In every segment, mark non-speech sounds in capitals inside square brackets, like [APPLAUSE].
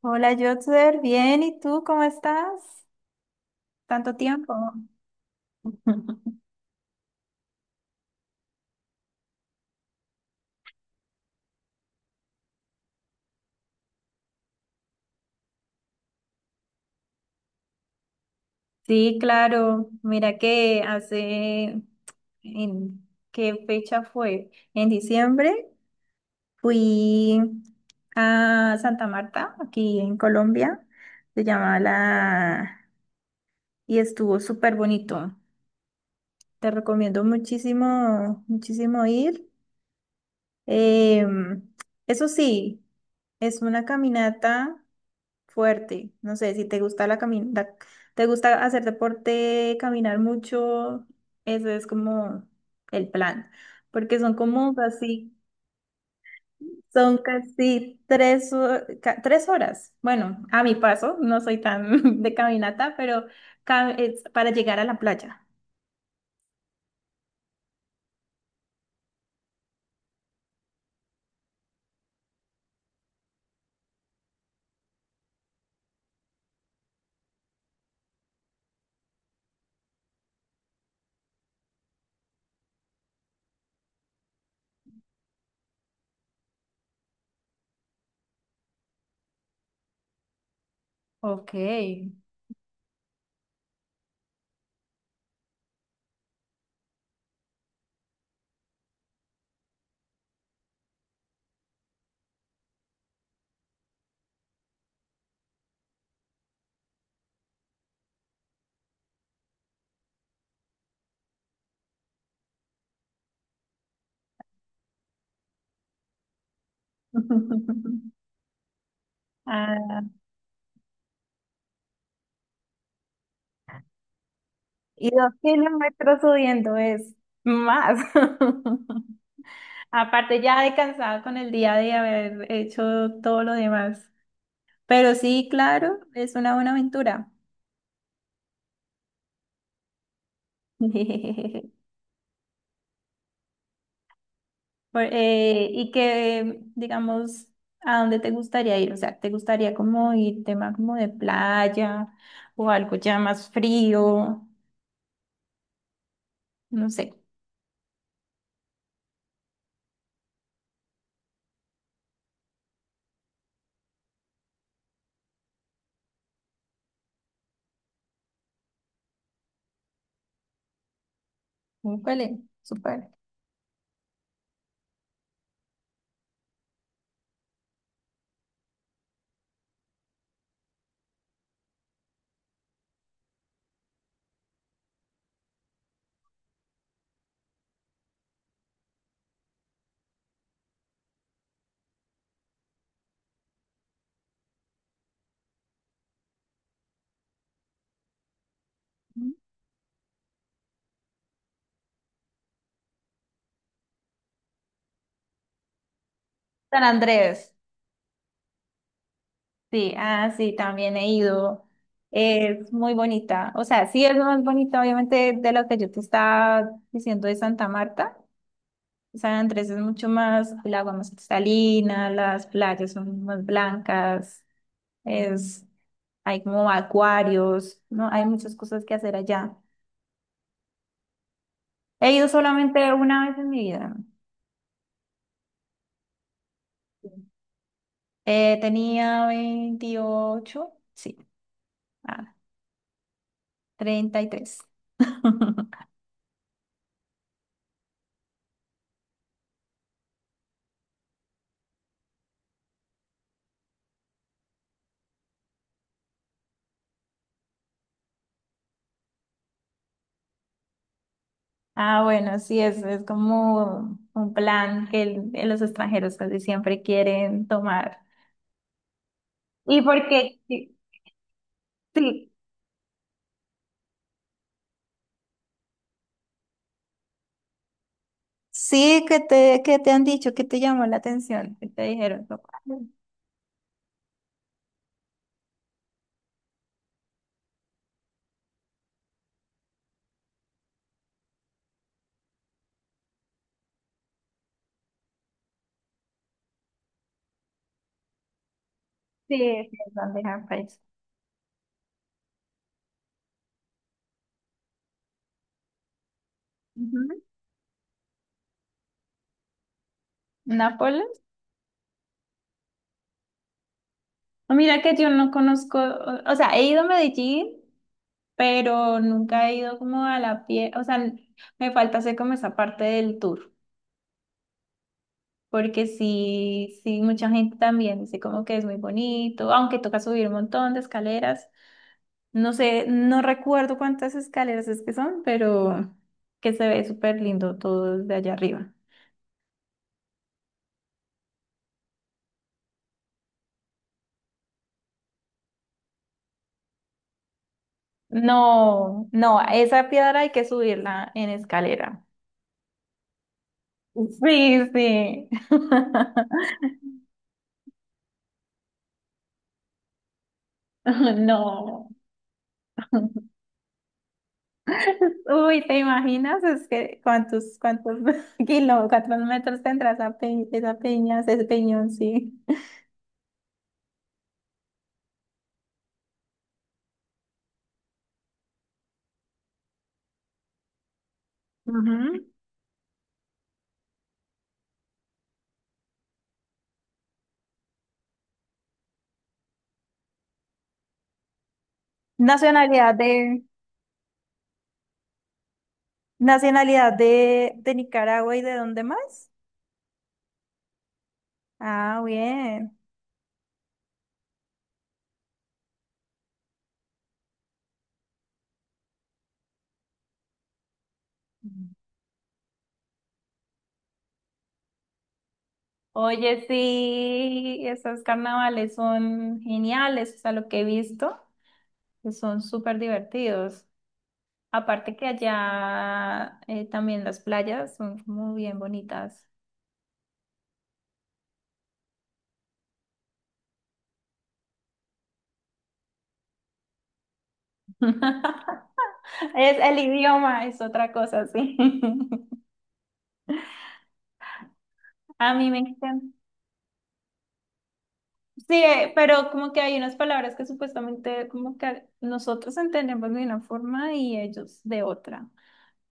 Hola, Jotzer, bien, ¿y tú cómo estás? Tanto tiempo. [LAUGHS] Sí, claro. Mira que hace, ¿en qué fecha fue? En diciembre fui a Santa Marta, aquí en Colombia, se llama la... y estuvo súper bonito. Te recomiendo muchísimo, muchísimo ir. Em, eso sí, es una caminata fuerte. No sé, si te gusta la caminata, te gusta hacer deporte, caminar mucho, eso es como el plan, porque son como así, son casi tres horas. Bueno, a mi paso, no soy tan [LAUGHS] de caminata, pero es para llegar a la playa. Ok. [LAUGHS] Ah, y 2 kilómetros subiendo es más. [LAUGHS] Aparte, ya he cansado con el día de haber hecho todo lo demás. Pero sí, claro, es una buena aventura. [LAUGHS] Y que, digamos, ¿a dónde te gustaría ir? O sea, ¿te gustaría como ir tema como de playa o algo ya más frío? No sé. Súper, súper. San Andrés. Sí, ah, sí, también he ido. Es muy bonita. O sea, sí es lo más bonita, obviamente, de lo que yo te estaba diciendo de Santa Marta. San Andrés es mucho más, el agua más cristalina, las playas son más blancas, es, hay como acuarios, ¿no? Hay muchas cosas que hacer allá. He ido solamente una vez en mi vida. Tenía 28, sí, ah, 33. [LAUGHS] Ah, bueno, sí, es como un plan que los extranjeros casi siempre quieren tomar. ¿Y por qué? Sí, sí, sí, ¿qué te han dicho? ¿Qué te llamó la atención? ¿Qué te dijeron? Como, "Ay, sí, sí, es bandeja paisa". Ujú. ¿Nápoles? Ah, mira que yo no conozco, o sea, he ido a Medellín, pero nunca he ido como a la pie, o sea, me falta hacer como esa parte del tour. Porque sí, sí, mucha gente también dice como que es muy bonito, aunque toca subir un montón de escaleras. No sé, no recuerdo cuántas escaleras es que son, pero que se ve súper lindo todo desde allá arriba. No, no, a esa piedra hay que subirla en escalera. Sí, sí. [LAUGHS] No. Uy, ¿te imaginas? Es que cuántos [LAUGHS] kilos, cuántos metros tendrás esa, esa peña, ese peñón, sí. Ujú. Nacionalidad de, nacionalidad de Nicaragua, ¿y de dónde más? Ah, bien. Oye, sí, esos carnavales son geniales, o sea, lo que he visto, que son súper divertidos. Aparte que allá también las playas son muy bien bonitas. [LAUGHS] Es el idioma, es otra cosa, sí. [LAUGHS] A mí me encanta. Sí, pero como que hay unas palabras que supuestamente como que nosotros entendemos de una forma y ellos de otra.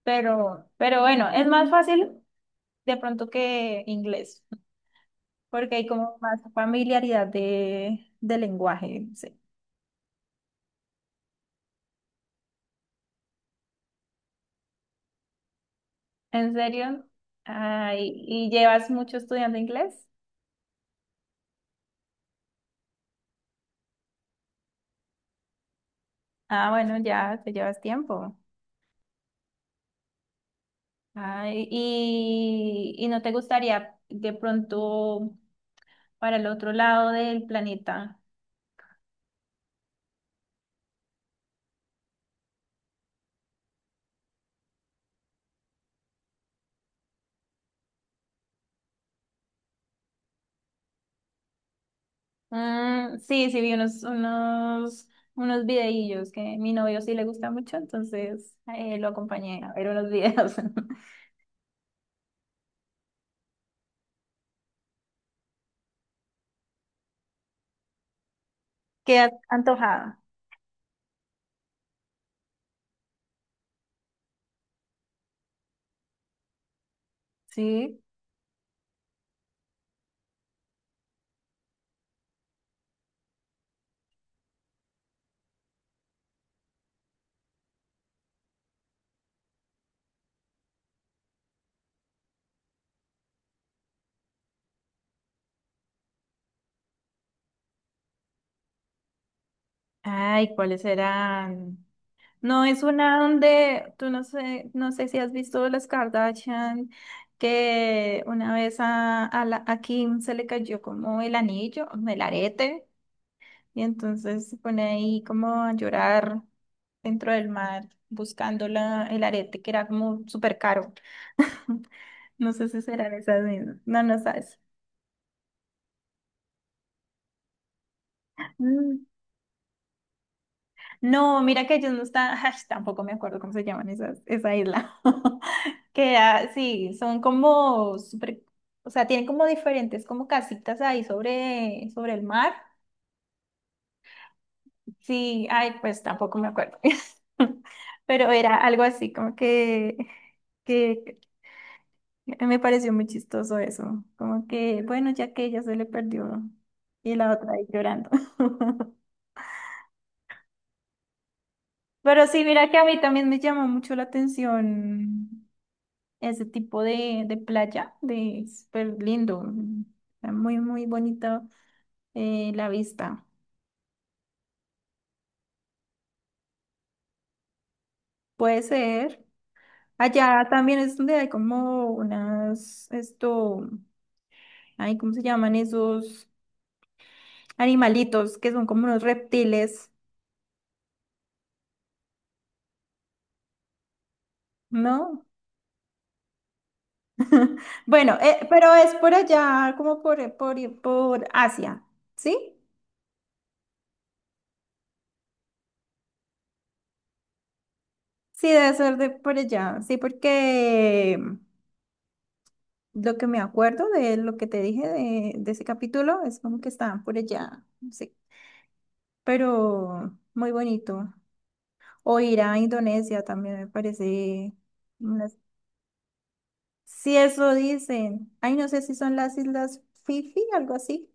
Pero bueno, es más fácil de pronto que inglés, porque hay como más familiaridad de lenguaje. No sé. ¿En serio? Ay, ¿y llevas mucho estudiando inglés? Ah, bueno, ya te llevas tiempo. Ay, y ¿no te gustaría de pronto para el otro lado del planeta? Mm, sí, sí, vi unos videillos que mi novio sí le gusta mucho, entonces lo acompañé a ver unos videos. [LAUGHS] ¿Qué has antojado? Sí. Ay, ¿cuáles serán? No, es una donde tú no sé, no sé si has visto las Kardashian, que una vez a Kim se le cayó como el anillo, el arete, y entonces se pone ahí como a llorar dentro del mar buscando el arete que era como súper caro. [LAUGHS] No sé si serán esas mismas. No, no sabes. Mm, no, mira que ellos no están, [LAUGHS] ay, tampoco me acuerdo cómo se llaman esa isla. [LAUGHS] Que era, sí, son como súper, o sea, tienen como diferentes como casitas ahí sobre el mar. Sí, ay, pues tampoco me acuerdo. [LAUGHS] Pero era algo así como que [LAUGHS] a mí me pareció muy chistoso eso. Como que, bueno, ya que ella se le perdió y la otra ahí llorando. [LAUGHS] Pero sí, mira que a mí también me llama mucho la atención ese tipo de playa, de súper lindo, está muy, muy bonito la vista. Puede ser. Allá también es donde hay como unas, esto, ay, ¿cómo se llaman esos animalitos que son como unos reptiles? ¿No? Bueno, pero es por allá, como por Asia, ¿sí? Sí, debe ser de por allá, sí, porque lo que me acuerdo de lo que te dije de ese capítulo es como que estaban por allá, sí, pero muy bonito. O ir a Indonesia también me parece, unas- sí, eso dicen. Ay, no sé si son las Islas Fifi, algo así.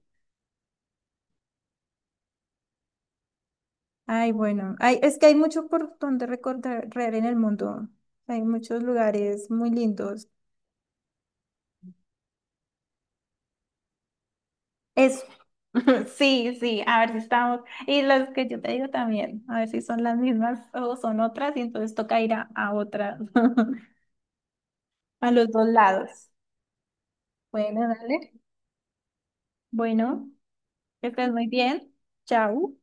Ay, bueno, hay es que hay mucho por donde recorrer en el mundo. Hay muchos lugares muy lindos. Eso. [LAUGHS] Sí, sí, a ver si estamos. Y los que yo te digo también, a ver si son las mismas o son otras, y entonces toca ir a otras, [LAUGHS] a los dos lados. Bueno, dale. Bueno, que estés muy bien. Chao.